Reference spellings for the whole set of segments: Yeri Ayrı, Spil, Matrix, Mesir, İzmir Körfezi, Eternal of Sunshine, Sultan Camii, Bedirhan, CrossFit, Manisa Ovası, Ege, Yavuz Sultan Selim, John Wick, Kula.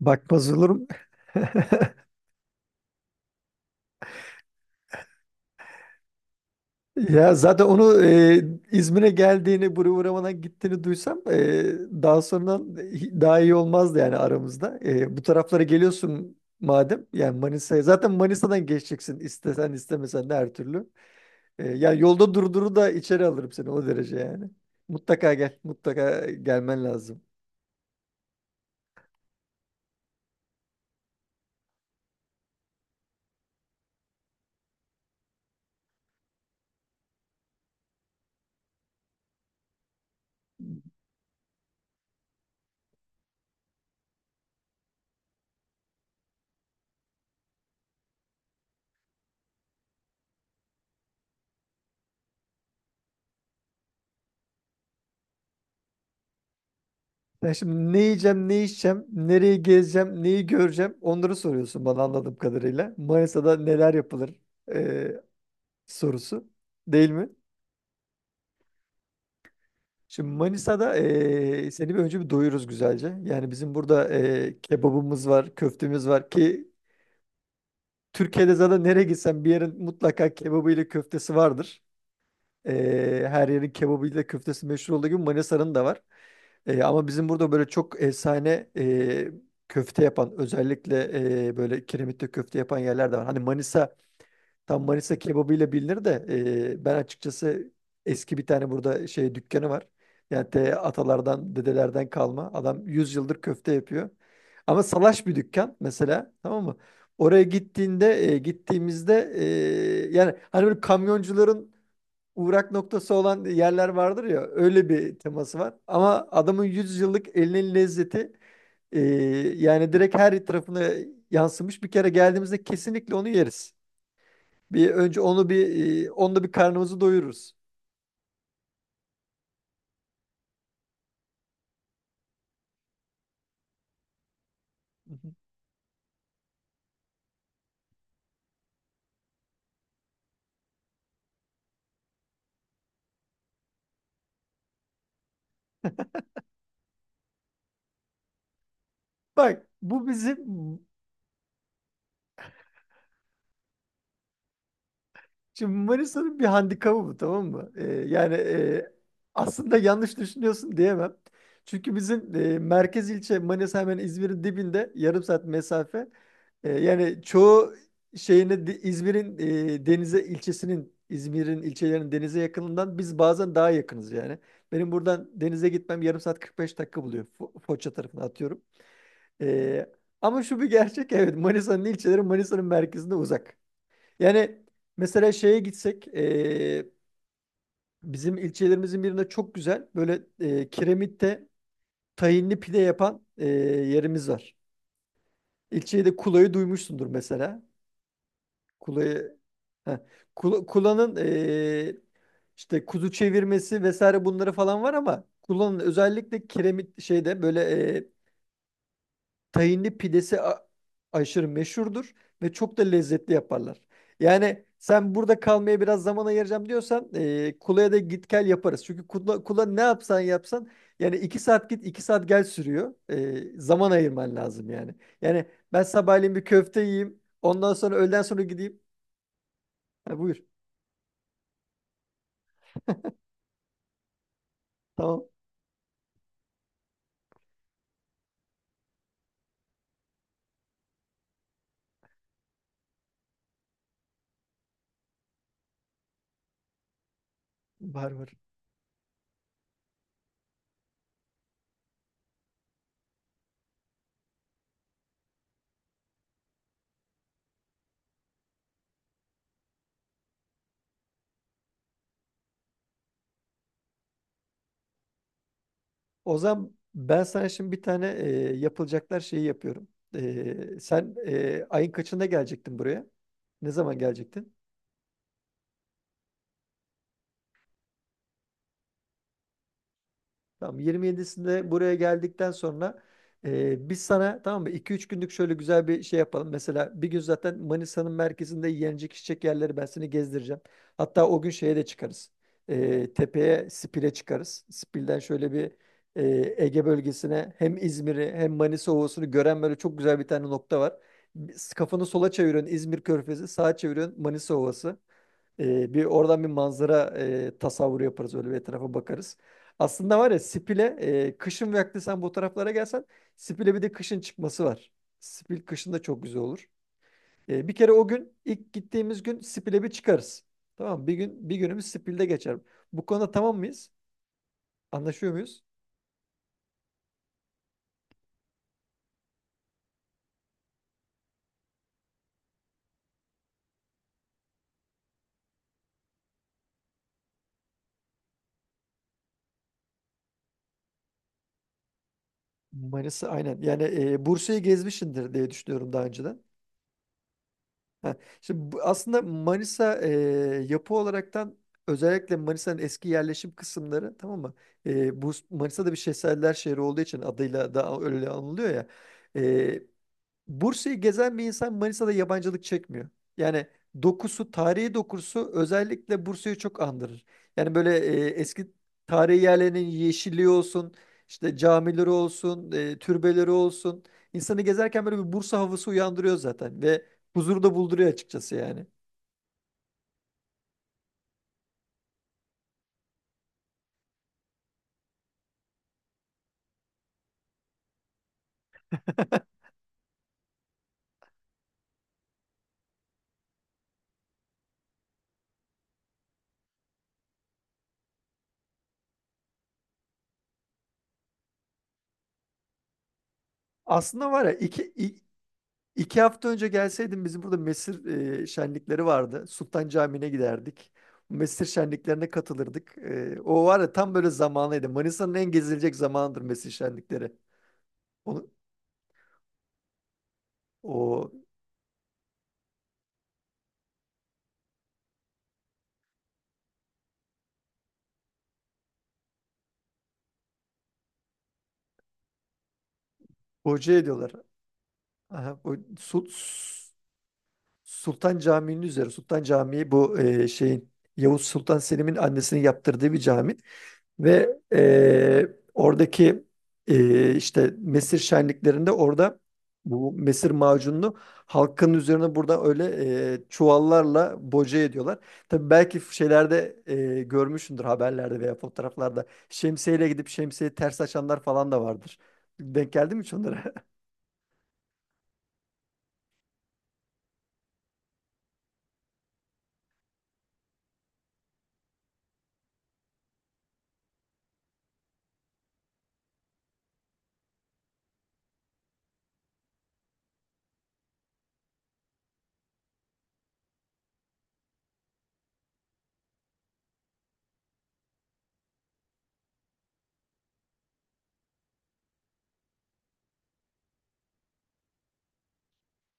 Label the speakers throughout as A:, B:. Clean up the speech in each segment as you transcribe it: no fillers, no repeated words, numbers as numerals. A: Bakmaz olurum. Ya zaten onu İzmir'e geldiğini, buraya uğramadan gittiğini duysam daha sonradan daha iyi olmazdı yani aramızda. Bu taraflara geliyorsun madem yani Manisa'ya zaten Manisa'dan geçeceksin istesen istemesen de her türlü. Yani yolda durduru da içeri alırım seni o derece yani. Mutlaka gel, mutlaka gelmen lazım. Ben şimdi ne yiyeceğim, ne içeceğim, nereyi gezeceğim, neyi göreceğim onları soruyorsun bana anladığım kadarıyla. Manisa'da neler yapılır? E, Sorusu değil mi? Şimdi Manisa'da seni bir önce bir doyururuz güzelce. Yani bizim burada kebabımız var, köftemiz var ki Türkiye'de zaten nereye gitsen bir yerin mutlaka kebabı ile köftesi vardır. Her yerin kebabı ile köftesi meşhur olduğu gibi Manisa'nın da var. Ama bizim burada böyle çok efsane köfte yapan özellikle böyle kiremitte köfte yapan yerler de var. Hani Tam Manisa kebabıyla bilinir de ben açıkçası eski bir tane burada şey dükkanı var. Yani atalardan, dedelerden kalma. Adam 100 yıldır köfte yapıyor. Ama salaş bir dükkan mesela tamam mı? Oraya gittiğimizde yani hani böyle kamyoncuların uğrak noktası olan yerler vardır ya öyle bir teması var. Ama adamın 100 yıllık elinin lezzeti e, yani direkt her tarafına yansımış. Bir kere geldiğimizde kesinlikle onu yeriz. Bir önce onu bir onunla bir karnımızı doyururuz. Hı hı. Bak bu bizim şimdi Manisa'nın bir handikabı bu tamam mı? Yani aslında yanlış düşünüyorsun diyemem. Çünkü bizim merkez ilçe Manisa hemen İzmir'in dibinde yarım saat mesafe. Yani çoğu şeyini İzmir'in denize ilçesinin İzmir'in ilçelerinin denize yakınından biz bazen daha yakınız yani. Benim buradan denize gitmem yarım saat 45 dakika buluyor. Foça tarafına atıyorum. Ee, Ama şu bir gerçek, evet, Manisa'nın ilçeleri Manisa'nın merkezinde uzak. Yani mesela şeye gitsek bizim ilçelerimizin birinde çok güzel böyle kiremitte tahinli pide yapan yerimiz var. İlçeyi de Kula'yı duymuşsundur mesela. Kula'yı. Heh. Kula'nın işte kuzu çevirmesi vesaire bunları falan var ama Kula'nın özellikle kiremit şeyde böyle tahinli pidesi aşırı meşhurdur ve çok da lezzetli yaparlar. Yani sen burada kalmaya biraz zaman ayıracağım diyorsan Kula'ya da git gel yaparız. Çünkü Kula, Kula ne yapsan yapsan yani iki saat git iki saat gel sürüyor. Zaman ayırman lazım yani. Yani ben sabahleyin bir köfte yiyeyim ondan sonra öğleden sonra gideyim. Ha, buyur. Tamam. Var var. O zaman ben sana şimdi bir tane yapılacaklar şeyi yapıyorum. Sen ayın kaçında gelecektin buraya? Ne zaman gelecektin? Tamam, 27'sinde buraya geldikten sonra biz sana tamam mı 2 üç günlük şöyle güzel bir şey yapalım. Mesela bir gün zaten Manisa'nın merkezinde yenecek içecek yerleri ben seni gezdireceğim. Hatta o gün şeye de çıkarız. Tepeye, Spil'e çıkarız. Spil'den şöyle bir Ege bölgesine hem İzmir'i hem Manisa Ovası'nı gören böyle çok güzel bir tane nokta var. Kafanı sola çeviriyorsun İzmir Körfezi, sağa çeviriyorsun Manisa Ovası. Bir oradan bir manzara tasavvuru yaparız, öyle bir etrafa bakarız. Aslında var ya Spil'e kışın vakti sen bu taraflara gelsen Spil'e bir de kışın çıkması var. Spil kışın da çok güzel olur. Bir kere o gün ilk gittiğimiz gün Spil'e bir çıkarız. Tamam mı? Bir gün, bir günümüz Spil'de geçer. Bu konuda tamam mıyız? Anlaşıyor muyuz? Manisa, aynen. Yani Bursa'yı gezmişsindir diye düşünüyorum daha önceden. Ha, şimdi aslında Manisa yapı olaraktan, özellikle Manisa'nın eski yerleşim kısımları, tamam mı? Bu Manisa'da bir şehzadeler şehri olduğu için adıyla da öyle anılıyor ya. Bursa'yı gezen bir insan Manisa'da yabancılık çekmiyor. Yani dokusu, tarihi dokusu özellikle Bursa'yı çok andırır. Yani böyle eski tarihi yerlerinin yeşilliği olsun, işte camileri olsun, türbeleri olsun. İnsanı gezerken böyle bir Bursa havası uyandırıyor zaten ve huzuru da bulduruyor açıkçası yani. Aslında var ya İki hafta önce gelseydin bizim burada Mesir şenlikleri vardı. Sultan Camii'ne giderdik. Mesir şenliklerine katılırdık. O var ya tam böyle zamanıydı. Manisa'nın en gezilecek zamanıdır Mesir şenlikleri. Onu, o hoca ediyorlar. Aha, o, su, Sultan Camii'nin üzeri. Sultan Camii bu şeyin, Yavuz Sultan Selim'in annesinin yaptırdığı bir cami. Ve oradaki işte mesir şenliklerinde orada bu mesir macununu halkın üzerine burada öyle çuvallarla boca ediyorlar. Tabii belki şeylerde görmüşsündür haberlerde veya fotoğraflarda şemsiyeyle gidip şemsiyeyi ters açanlar falan da vardır. Denk geldi mi hiç onlara?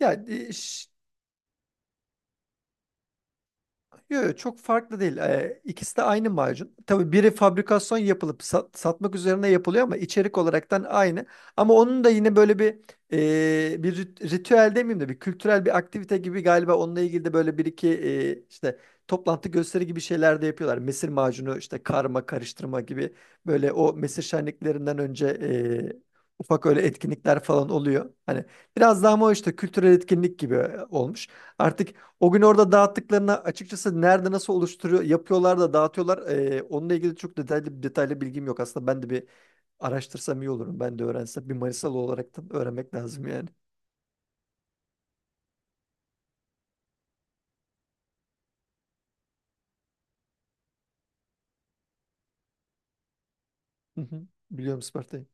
A: Ya, yok, çok farklı değil. İkisi de aynı macun. Tabii biri fabrikasyon yapılıp satmak üzerine yapılıyor ama içerik olaraktan aynı. Ama onun da yine böyle bir ritüel demeyeyim de bir kültürel bir aktivite gibi, galiba onunla ilgili de böyle bir iki işte toplantı gösteri gibi şeyler de yapıyorlar. Mesir macunu işte karma karıştırma gibi böyle o mesir şenliklerinden önce e, ufak öyle etkinlikler falan oluyor. Hani biraz daha, ama o işte kültürel etkinlik gibi olmuş. Artık o gün orada dağıttıklarını açıkçası nerede nasıl oluşturuyor, yapıyorlar da dağıtıyorlar. Onunla ilgili çok detaylı detaylı bilgim yok. Aslında ben de bir araştırsam iyi olurum. Ben de öğrensem, bir Manisalı olaraktan öğrenmek lazım yani. Hı hı. Biliyorum Isparta'yı.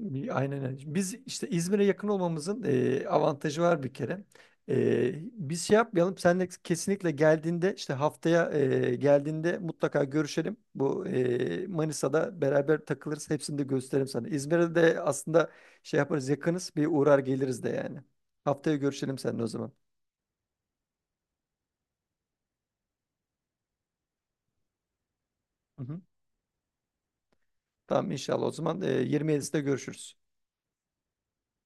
A: Aynen öyle. Biz işte İzmir'e yakın olmamızın avantajı var bir kere. Biz şey yapmayalım. Senle kesinlikle geldiğinde, işte haftaya geldiğinde mutlaka görüşelim. Bu Manisa'da beraber takılırız. Hepsini de gösteririm sana. İzmir'e de aslında şey yaparız, yakınız. Bir uğrar geliriz de yani. Haftaya görüşelim seninle o zaman. Hı hı. Tamam, inşallah o zaman 27'sinde görüşürüz.